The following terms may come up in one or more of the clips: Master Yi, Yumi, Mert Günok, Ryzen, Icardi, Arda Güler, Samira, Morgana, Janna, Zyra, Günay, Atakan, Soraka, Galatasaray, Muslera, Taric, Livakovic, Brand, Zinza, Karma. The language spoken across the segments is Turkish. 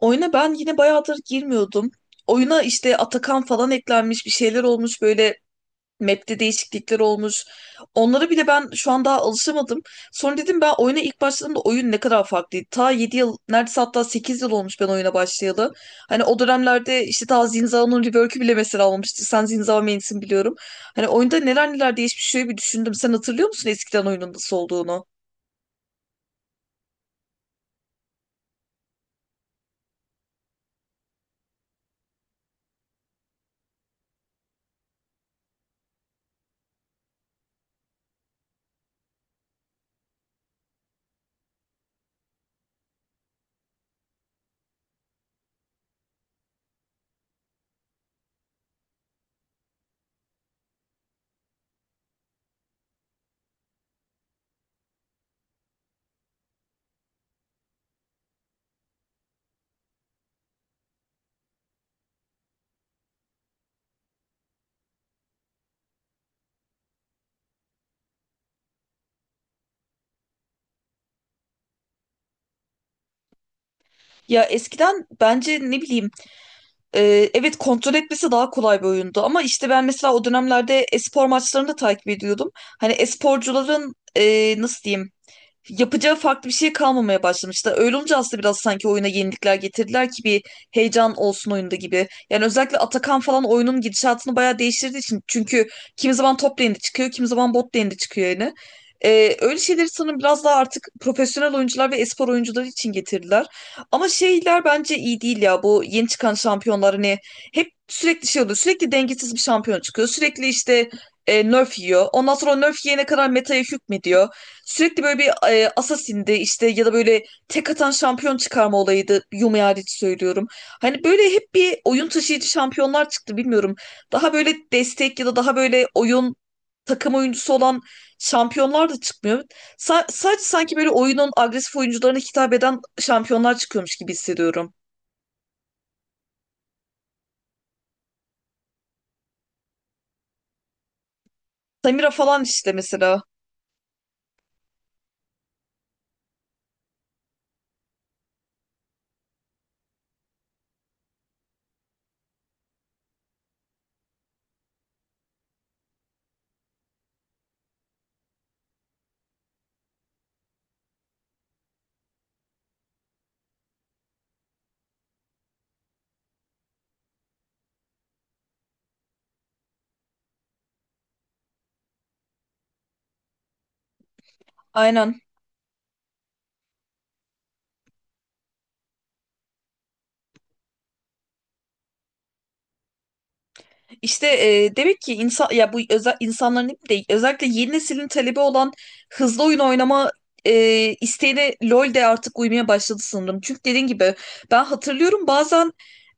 Oyuna ben yine bayağıdır girmiyordum. Oyuna işte Atakan falan eklenmiş bir şeyler olmuş böyle map'te değişiklikler olmuş. Onlara bile ben şu an daha alışamadım. Sonra dedim ben oyuna ilk başladığımda oyun ne kadar farklıydı. Ta 7 yıl neredeyse, hatta 8 yıl olmuş ben oyuna başlayalı. Hani o dönemlerde işte ta Zinza'nın rework'ü bile mesela olmamıştı. Sen Zinza main'sin biliyorum. Hani oyunda neler neler değişmiş şöyle bir düşündüm. Sen hatırlıyor musun eskiden oyunun nasıl olduğunu? Ya eskiden bence ne bileyim. Evet, kontrol etmesi daha kolay bir oyundu ama işte ben mesela o dönemlerde espor maçlarını da takip ediyordum. Hani esporcuların nasıl diyeyim, yapacağı farklı bir şey kalmamaya başlamıştı. Öyle olunca aslında biraz sanki oyuna yenilikler getirdiler ki bir heyecan olsun oyunda gibi. Yani özellikle Atakan falan oyunun gidişatını bayağı değiştirdiği için. Çünkü kimi zaman top lane'de çıkıyor, kimi zaman bot lane'de çıkıyor yani. Öyle şeyleri sanırım biraz daha artık profesyonel oyuncular ve espor oyuncuları için getirdiler. Ama şeyler bence iyi değil ya, bu yeni çıkan şampiyonlar hani hep sürekli şey oluyor. Sürekli dengesiz bir şampiyon çıkıyor. Sürekli işte nerf yiyor. Ondan sonra o nerf yiyene kadar metaya hükmediyor. Sürekli böyle bir Assassin'di işte, ya da böyle tek atan şampiyon çıkarma olayıydı. Yumi hariç söylüyorum. Hani böyle hep bir oyun taşıyıcı şampiyonlar çıktı, bilmiyorum. Daha böyle destek ya da daha böyle oyun takım oyuncusu olan şampiyonlar da çıkmıyor. Sadece sanki böyle oyunun agresif oyuncularına hitap eden şampiyonlar çıkıyormuş gibi hissediyorum. Samira falan işte mesela. Aynen. İşte demek ki insan, ya bu özel insanların hep değil, özellikle yeni neslin talebi olan hızlı oyun oynama e, isteğine LoL de artık uymaya başladı sanırım. Çünkü dediğin gibi ben hatırlıyorum, bazen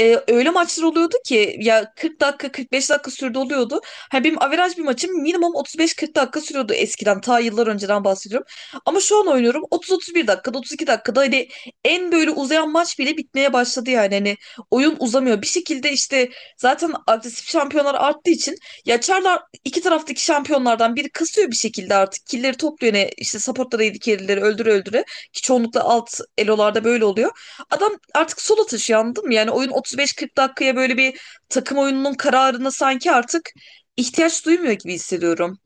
öyle maçlar oluyordu ki ya 40 dakika 45 dakika sürdü oluyordu. Hani benim averaj bir maçım minimum 35-40 dakika sürüyordu eskiden, ta yıllar önceden bahsediyorum. Ama şu an oynuyorum 30-31 dakikada, 32 dakikada hani en böyle uzayan maç bile bitmeye başladı, yani hani oyun uzamıyor. Bir şekilde işte zaten agresif şampiyonlar arttığı için ya Çarlar, iki taraftaki şampiyonlardan biri kasıyor bir şekilde artık. Killleri topluyor, ne işte supportlara, yedi carry'leri öldüre öldüre, ki çoğunlukla alt elolarda böyle oluyor. Adam artık sola taşıyor, anladın mı? Yani oyun 35-40 dakikaya böyle bir takım oyununun kararına sanki artık ihtiyaç duymuyor gibi hissediyorum.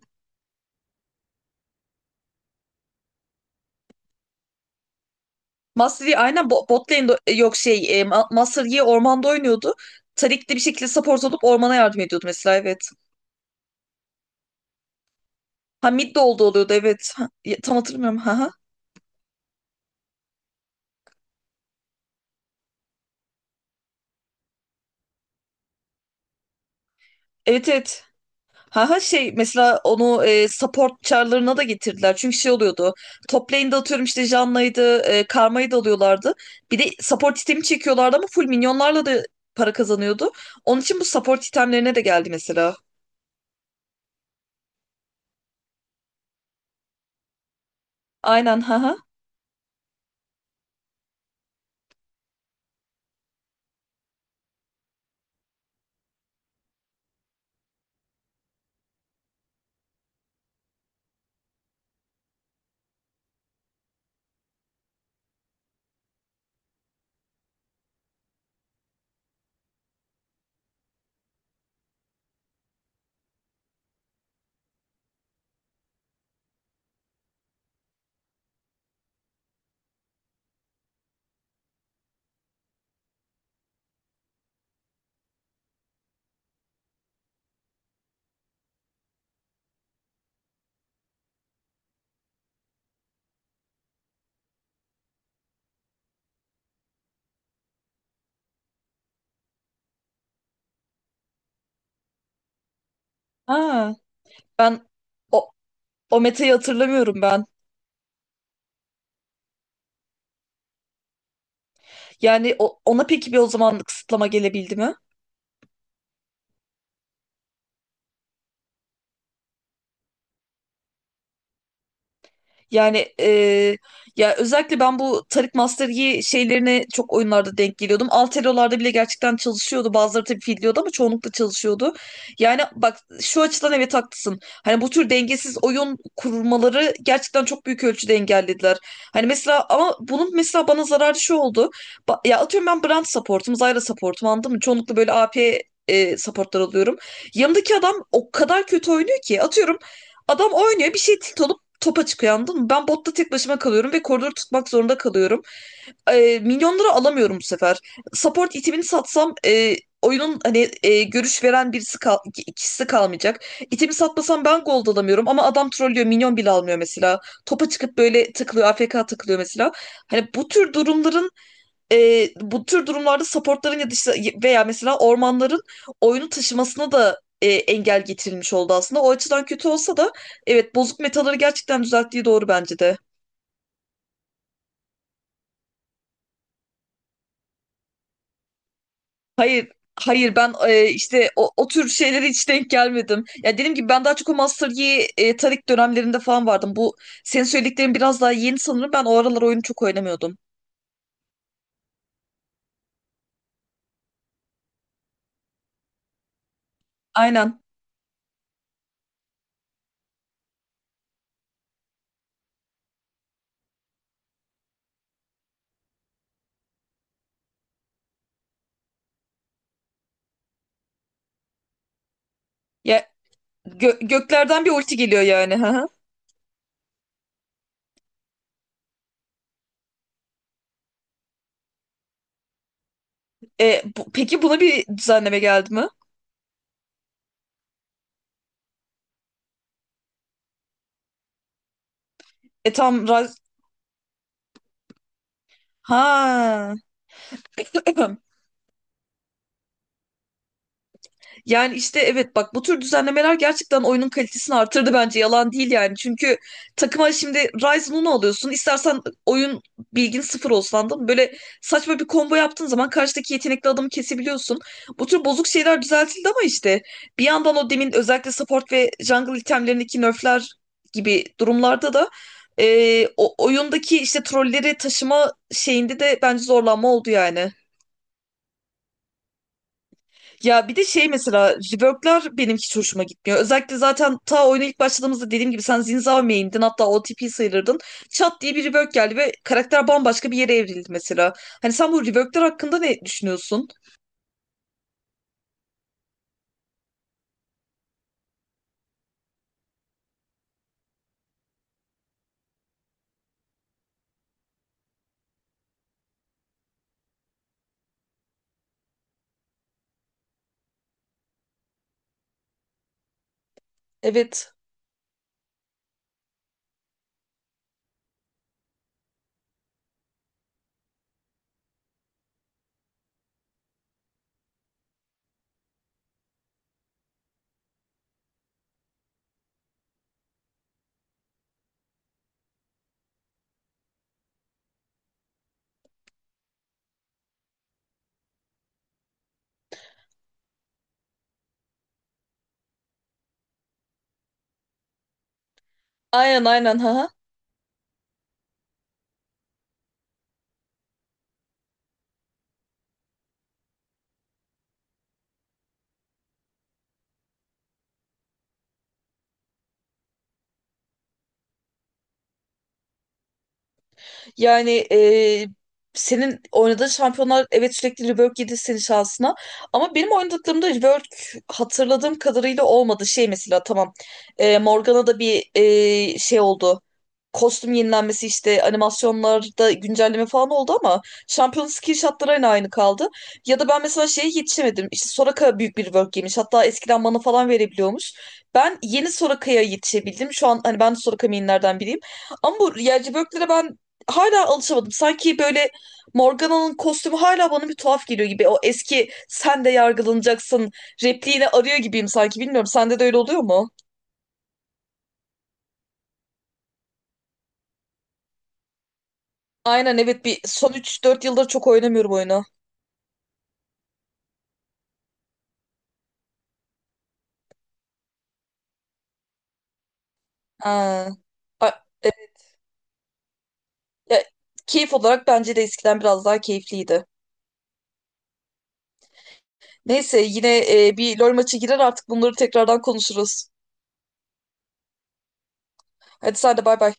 Master Yi aynen bot lane'de, yok şey, Master Yi ormanda oynuyordu. Tarik de bir şekilde support olup ormana yardım ediyordu mesela, evet. Ha, mid de oldu oluyordu, evet. Ha, tam hatırlamıyorum. Ha ha. Evet, evet. Ha ha, şey mesela onu support çarlarına da getirdiler. Çünkü şey oluyordu. Top lane'de atıyorum işte Janna'ydı, Karma'yı da alıyorlardı. Bir de support itemi çekiyorlardı ama full minyonlarla da para kazanıyordu. Onun için bu support itemlerine de geldi mesela. Aynen, ha ha. Ha, ben o, o metayı hatırlamıyorum ben. Yani ona peki bir o zaman kısıtlama gelebildi mi? Yani ya özellikle ben bu Tarık Master Yi şeylerine çok oyunlarda denk geliyordum. Altero'larda bile gerçekten çalışıyordu. Bazıları tabii fidliyordu ama çoğunlukla çalışıyordu. Yani bak şu açıdan evet haklısın. Hani bu tür dengesiz oyun kurmaları gerçekten çok büyük ölçüde engellediler. Hani mesela, ama bunun mesela bana zararı şu oldu. Ya atıyorum ben Brand support'um, Zyra support'um, anladın mı? Çoğunlukla böyle AP support'lar alıyorum. Yanımdaki adam o kadar kötü oynuyor ki, atıyorum, adam oynuyor bir şey, tilt olup topa çıkıyor, anladın mı? Ben botta tek başıma kalıyorum ve koridoru tutmak zorunda kalıyorum. Milyonları alamıyorum bu sefer. Support itemini satsam oyunun hani görüş veren birisi kal, ikisi kalmayacak. İtemi satmasam ben gold alamıyorum ama adam trollüyor, minyon bile almıyor mesela. Topa çıkıp böyle tıklıyor, AFK tıklıyor mesela. Hani bu tür durumlarda supportların ya da işte veya mesela ormanların oyunu taşımasına da engel getirilmiş oldu aslında. O açıdan kötü olsa da evet, bozuk metaları gerçekten düzelttiği doğru bence de. Hayır, hayır, ben işte o tür şeylere hiç denk gelmedim. Ya dediğim gibi ben daha çok o Master Yi Taric dönemlerinde falan vardım. Bu senin söylediklerin biraz daha yeni sanırım. Ben o aralar oyunu çok oynamıyordum. Aynen. Ya göklerden bir ulti geliyor yani. Hı hı. Peki buna bir düzenleme geldi mi? E tam Ha. Yani işte evet bak, bu tür düzenlemeler gerçekten oyunun kalitesini artırdı bence, yalan değil yani. Çünkü takıma şimdi Ryzen 10 alıyorsun. İstersen oyun bilgin sıfır olsun, anladın mı? Böyle saçma bir combo yaptığın zaman karşıdaki yetenekli adamı kesebiliyorsun. Bu tür bozuk şeyler düzeltildi ama işte bir yandan o demin, özellikle support ve jungle itemlerindeki nerfler gibi durumlarda da oyundaki işte trolleri taşıma şeyinde de bence zorlanma oldu yani. Ya bir de şey mesela, rework'lar benim hiç hoşuma gitmiyor. Özellikle zaten ta oyuna ilk başladığımızda dediğim gibi sen Zinzao main'din, hatta OTP sayılırdın. Çat diye bir rework geldi ve karakter bambaşka bir yere evrildi mesela. Hani sen bu rework'lar hakkında ne düşünüyorsun? Evet. Aynen, aynen, ha. Yani senin oynadığın şampiyonlar evet sürekli rework yedi senin şansına. Ama benim oynadıklarımda rework hatırladığım kadarıyla olmadı. Şey mesela, tamam, Morgana'da bir şey oldu. Kostüm yenilenmesi işte animasyonlarda güncelleme falan oldu ama şampiyon skill shotları yine aynı kaldı. Ya da ben mesela şeye yetişemedim. İşte Soraka büyük bir rework yemiş. Hatta eskiden mana falan verebiliyormuş. Ben yeni Soraka'ya yetişebildim. Şu an hani ben de Soraka mainlerden biriyim. Ama bu yerci böklere ben hala alışamadım. Sanki böyle Morgana'nın kostümü hala bana bir tuhaf geliyor gibi. O eski "sen de yargılanacaksın" repliğini arıyor gibiyim sanki. Bilmiyorum, sende de öyle oluyor mu? Aynen, evet, bir son üç dört yıldır çok oynamıyorum oyunu. Ha. A- e, e, Keyif olarak bence de eskiden biraz daha keyifliydi. Neyse yine bir LoL maçı girer artık, bunları tekrardan konuşuruz. Hadi sen de bay bay.